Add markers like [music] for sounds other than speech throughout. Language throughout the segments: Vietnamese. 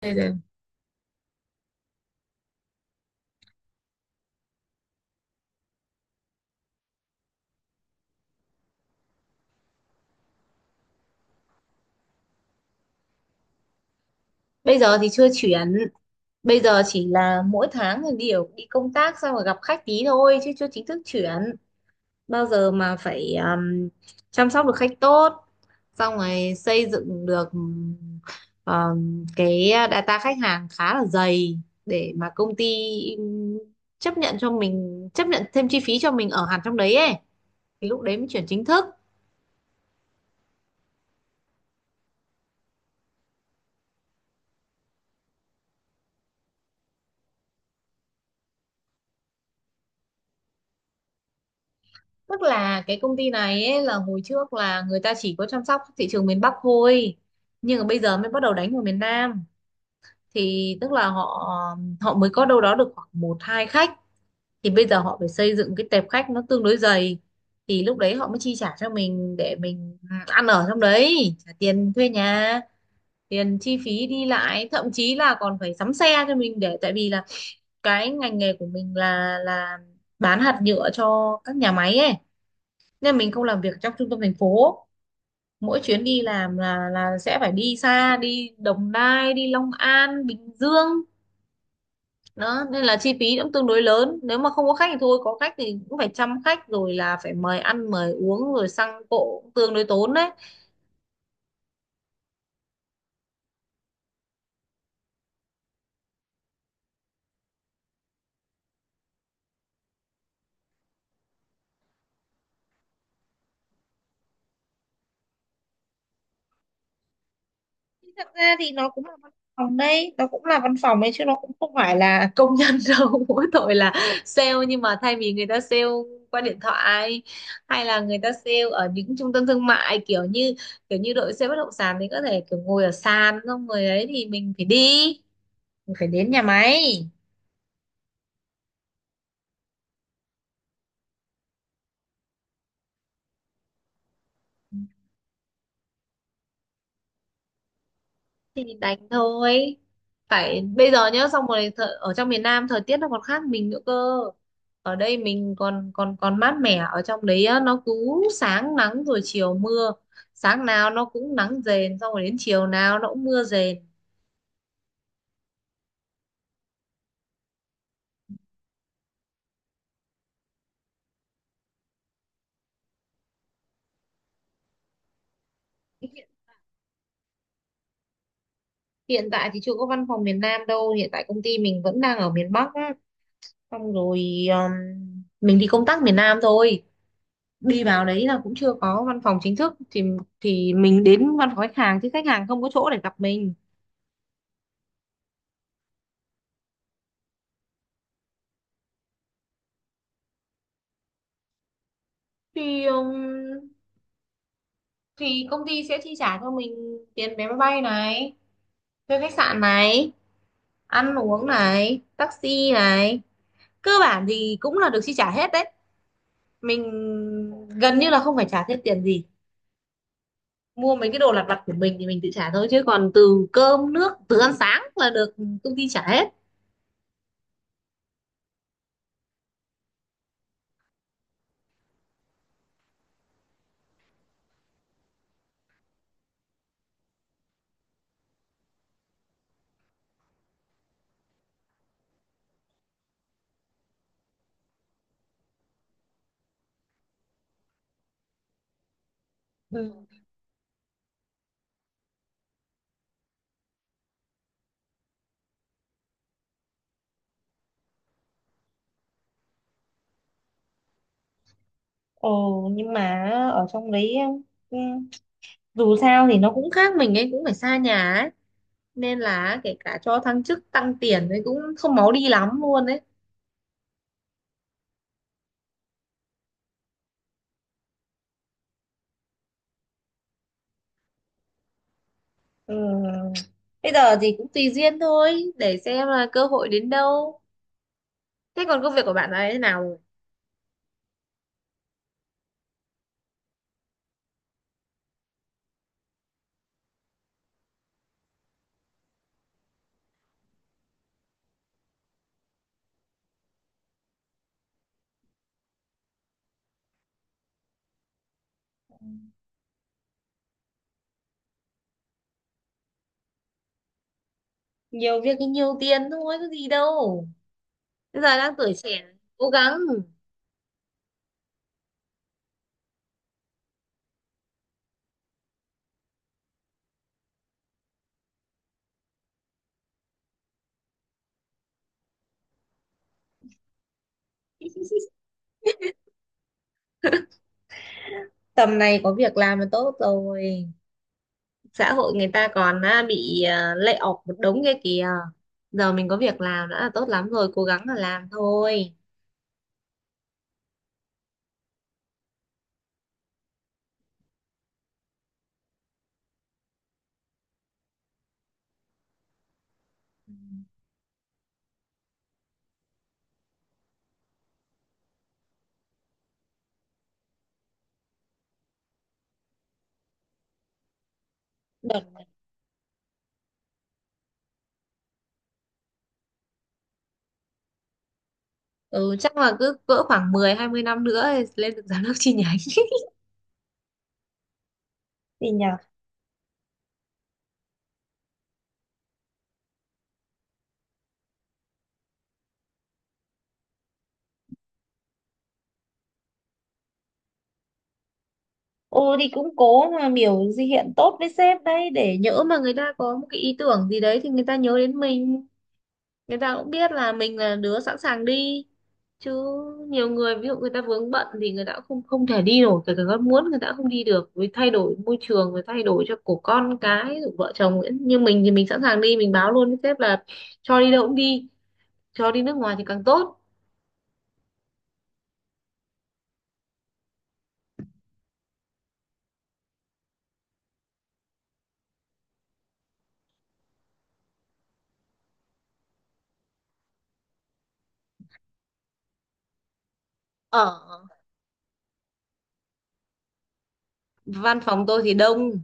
bây giờ bây giờ thì chưa chuyển. Bây giờ chỉ là mỗi tháng thì đều đi công tác, xong rồi gặp khách tí thôi chứ chưa chính thức chuyển. Bao giờ mà phải chăm sóc được khách tốt, xong rồi xây dựng được cái data khách hàng khá là dày, để mà công ty um, chấp nhận cho mình, chấp nhận thêm chi phí cho mình ở hẳn trong đấy ấy, thì lúc đấy mới chuyển chính thức. Tức là cái công ty này ấy, là hồi trước là người ta chỉ có chăm sóc thị trường miền Bắc thôi, nhưng mà bây giờ mới bắt đầu đánh vào miền Nam, thì tức là họ họ mới có đâu đó được khoảng một hai khách, thì bây giờ họ phải xây dựng cái tệp khách nó tương đối dày, thì lúc đấy họ mới chi trả cho mình để mình ăn ở trong đấy, trả tiền thuê nhà, tiền chi phí đi lại, thậm chí là còn phải sắm xe cho mình, để tại vì là cái ngành nghề của mình là bán hạt nhựa cho các nhà máy ấy, nên mình không làm việc trong trung tâm thành phố. Mỗi chuyến đi làm là sẽ phải đi xa, đi Đồng Nai, đi Long An, Bình Dương. Đó nên là chi phí cũng tương đối lớn, nếu mà không có khách thì thôi, có khách thì cũng phải chăm khách, rồi là phải mời ăn mời uống, rồi xăng cộ cũng tương đối tốn đấy. Thật ra thì nó cũng là văn phòng đấy, nó cũng là văn phòng ấy chứ nó cũng không phải là công nhân [laughs] đâu. Mỗi tội là sale, nhưng mà thay vì người ta sale qua điện thoại, hay là người ta sale ở những trung tâm thương mại kiểu như đội sale bất động sản thì có thể kiểu ngồi ở sàn, xong rồi ấy thì mình phải đi, mình phải đến nhà máy. Thì đánh thôi, phải bây giờ nhá. Xong rồi thợ, ở trong miền Nam thời tiết nó còn khác mình nữa cơ. Ở đây mình còn còn còn mát mẻ, ở trong đấy á, nó cứ sáng nắng rồi chiều mưa, sáng nào nó cũng nắng rền, xong rồi đến chiều nào nó cũng mưa rền. Hiện tại thì chưa có văn phòng miền Nam đâu, hiện tại công ty mình vẫn đang ở miền Bắc á. Xong rồi mình đi công tác miền Nam thôi, đi vào đấy là cũng chưa có văn phòng chính thức, thì mình đến văn phòng khách hàng, chứ khách hàng không có chỗ để gặp mình. Thì thì công ty sẽ chi trả cho mình tiền vé máy bay này, thuê khách sạn này, ăn uống này, taxi này. Cơ bản thì cũng là được chi trả hết đấy, mình gần như là không phải trả thêm tiền gì. Mua mấy cái đồ lặt vặt của mình thì mình tự trả thôi, chứ còn từ cơm nước, từ ăn sáng là được công ty trả hết. Ừ. Ồ nhưng mà ở trong đấy em, ừ, dù sao thì nó cũng khác mình ấy, cũng phải xa nhà ấy, nên là kể cả cho thăng chức, tăng tiền thì cũng không máu đi lắm luôn đấy. Ừ. Bây giờ thì cũng tùy duyên thôi, để xem là cơ hội đến đâu. Thế còn công việc của bạn ấy thế nào rồi? Nhiều việc thì nhiều tiền thôi, có gì đâu, bây giờ đang tuổi trẻ, cố gắng. [laughs] Tầm này có việc làm là tốt rồi, xã hội người ta còn bị, lay off một đống kia kìa. Giờ mình có việc làm đã là tốt lắm rồi, cố gắng là làm thôi. Ừ, chắc là cứ cỡ khoảng mười hai mươi năm nữa thì lên được giám đốc chi nhánh. [laughs] Gì nhỉ. Ô thì cũng cố mà biểu gì hiện tốt với sếp đấy, để nhỡ mà người ta có một cái ý tưởng gì đấy thì người ta nhớ đến mình, người ta cũng biết là mình là đứa sẵn sàng đi. Chứ nhiều người ví dụ người ta vướng bận thì người ta cũng không không thể đi nổi, kể cả con muốn người ta cũng không đi được, vì thay đổi môi trường rồi thay đổi cho của con cái rồi vợ chồng ấy. Như mình thì mình sẵn sàng đi, mình báo luôn với sếp là cho đi đâu cũng đi, cho đi nước ngoài thì càng tốt. Ở văn phòng tôi thì đông,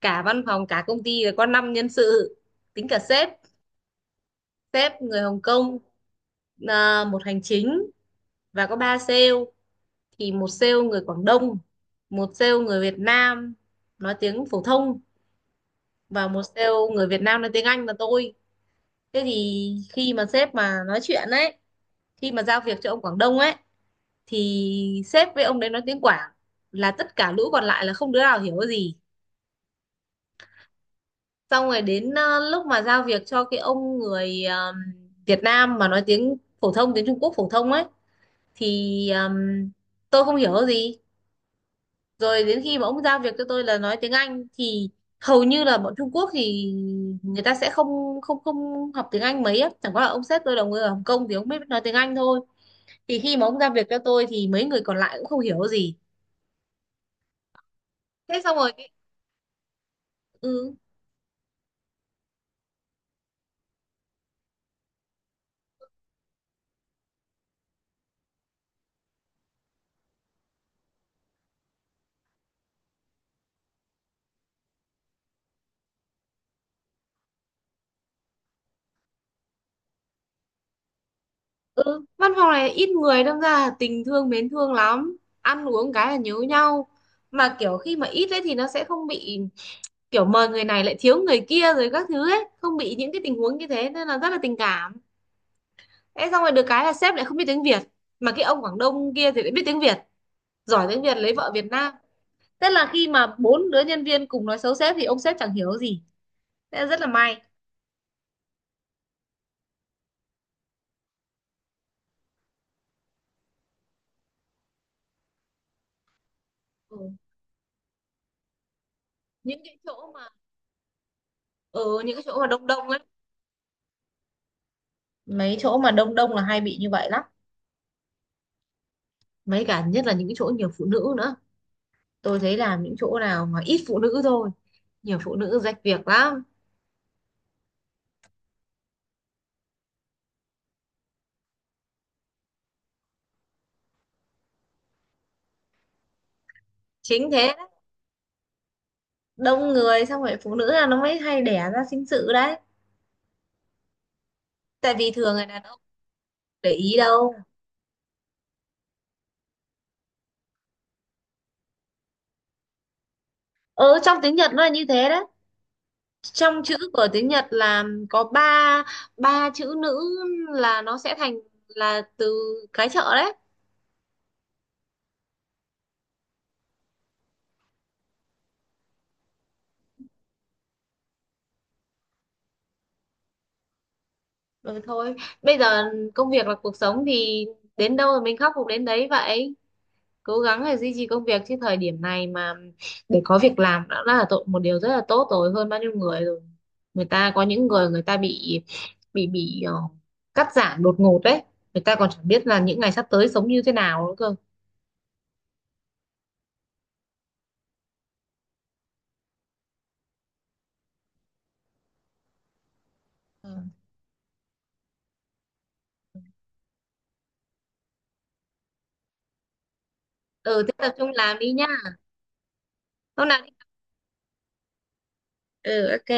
cả văn phòng cả công ty là có 5 nhân sự, tính cả sếp. Sếp người Hồng Kông, à, một hành chính và có ba sale. Thì một sale người Quảng Đông, một sale người Việt Nam nói tiếng phổ thông, và một sale người Việt Nam nói tiếng Anh là tôi. Thế thì khi mà sếp mà nói chuyện ấy, khi mà giao việc cho ông Quảng Đông ấy, thì sếp với ông đấy nói tiếng Quảng, là tất cả lũ còn lại là không đứa nào hiểu cái gì. Xong rồi đến lúc mà giao việc cho cái ông người Việt Nam mà nói tiếng phổ thông, tiếng Trung Quốc phổ thông ấy, thì tôi không hiểu gì. Rồi đến khi mà ông giao việc cho tôi là nói tiếng Anh thì hầu như là bọn Trung Quốc thì người ta sẽ không không không học tiếng Anh mấy á, chẳng qua là ông sếp tôi là người ở Hồng Kông thì ông biết nói tiếng Anh thôi. Thì khi mà ông giao việc cho tôi thì mấy người còn lại cũng không hiểu gì. Thế xong rồi ừ. Ừ, văn phòng này ít người đâm ra là tình thương mến thương lắm, ăn uống cái là nhớ nhau. Mà kiểu khi mà ít ấy thì nó sẽ không bị kiểu mời người này lại thiếu người kia rồi các thứ ấy, không bị những cái tình huống như thế nên là rất là tình cảm. Thế xong rồi được cái là sếp lại không biết tiếng Việt, mà cái ông Quảng Đông kia thì lại biết tiếng Việt, giỏi tiếng Việt, lấy vợ Việt Nam. Tức là khi mà bốn đứa nhân viên cùng nói xấu sếp thì ông sếp chẳng hiểu gì, thế là rất là may. Ừ. Những cái chỗ mà những cái chỗ mà đông đông ấy, mấy chỗ mà đông đông là hay bị như vậy lắm, mấy cả nhất là những cái chỗ nhiều phụ nữ nữa. Tôi thấy làm những chỗ nào mà ít phụ nữ thôi, nhiều phụ nữ rách việc lắm. Chính thế đấy. Đông người xong rồi phụ nữ là nó mới hay đẻ ra sinh sự đấy, tại vì thường người đàn ông để ý đâu. Ừ, trong tiếng Nhật nó là như thế đấy, trong chữ của tiếng Nhật là có ba ba chữ nữ là nó sẽ thành là từ cái chợ đấy. Rồi thôi, bây giờ công việc là cuộc sống thì đến đâu rồi mình khắc phục đến đấy vậy, cố gắng để duy trì công việc, chứ thời điểm này mà để có việc làm đã là tội một điều rất là tốt rồi, hơn bao nhiêu người rồi. Người ta có những người người ta bị bị bị ờ, cắt giảm đột ngột đấy, người ta còn chẳng biết là những ngày sắp tới sống như thế nào nữa cơ. Ừ. Ừ, thế tập trung làm đi nhá. Lúc nào đi ừ, ok.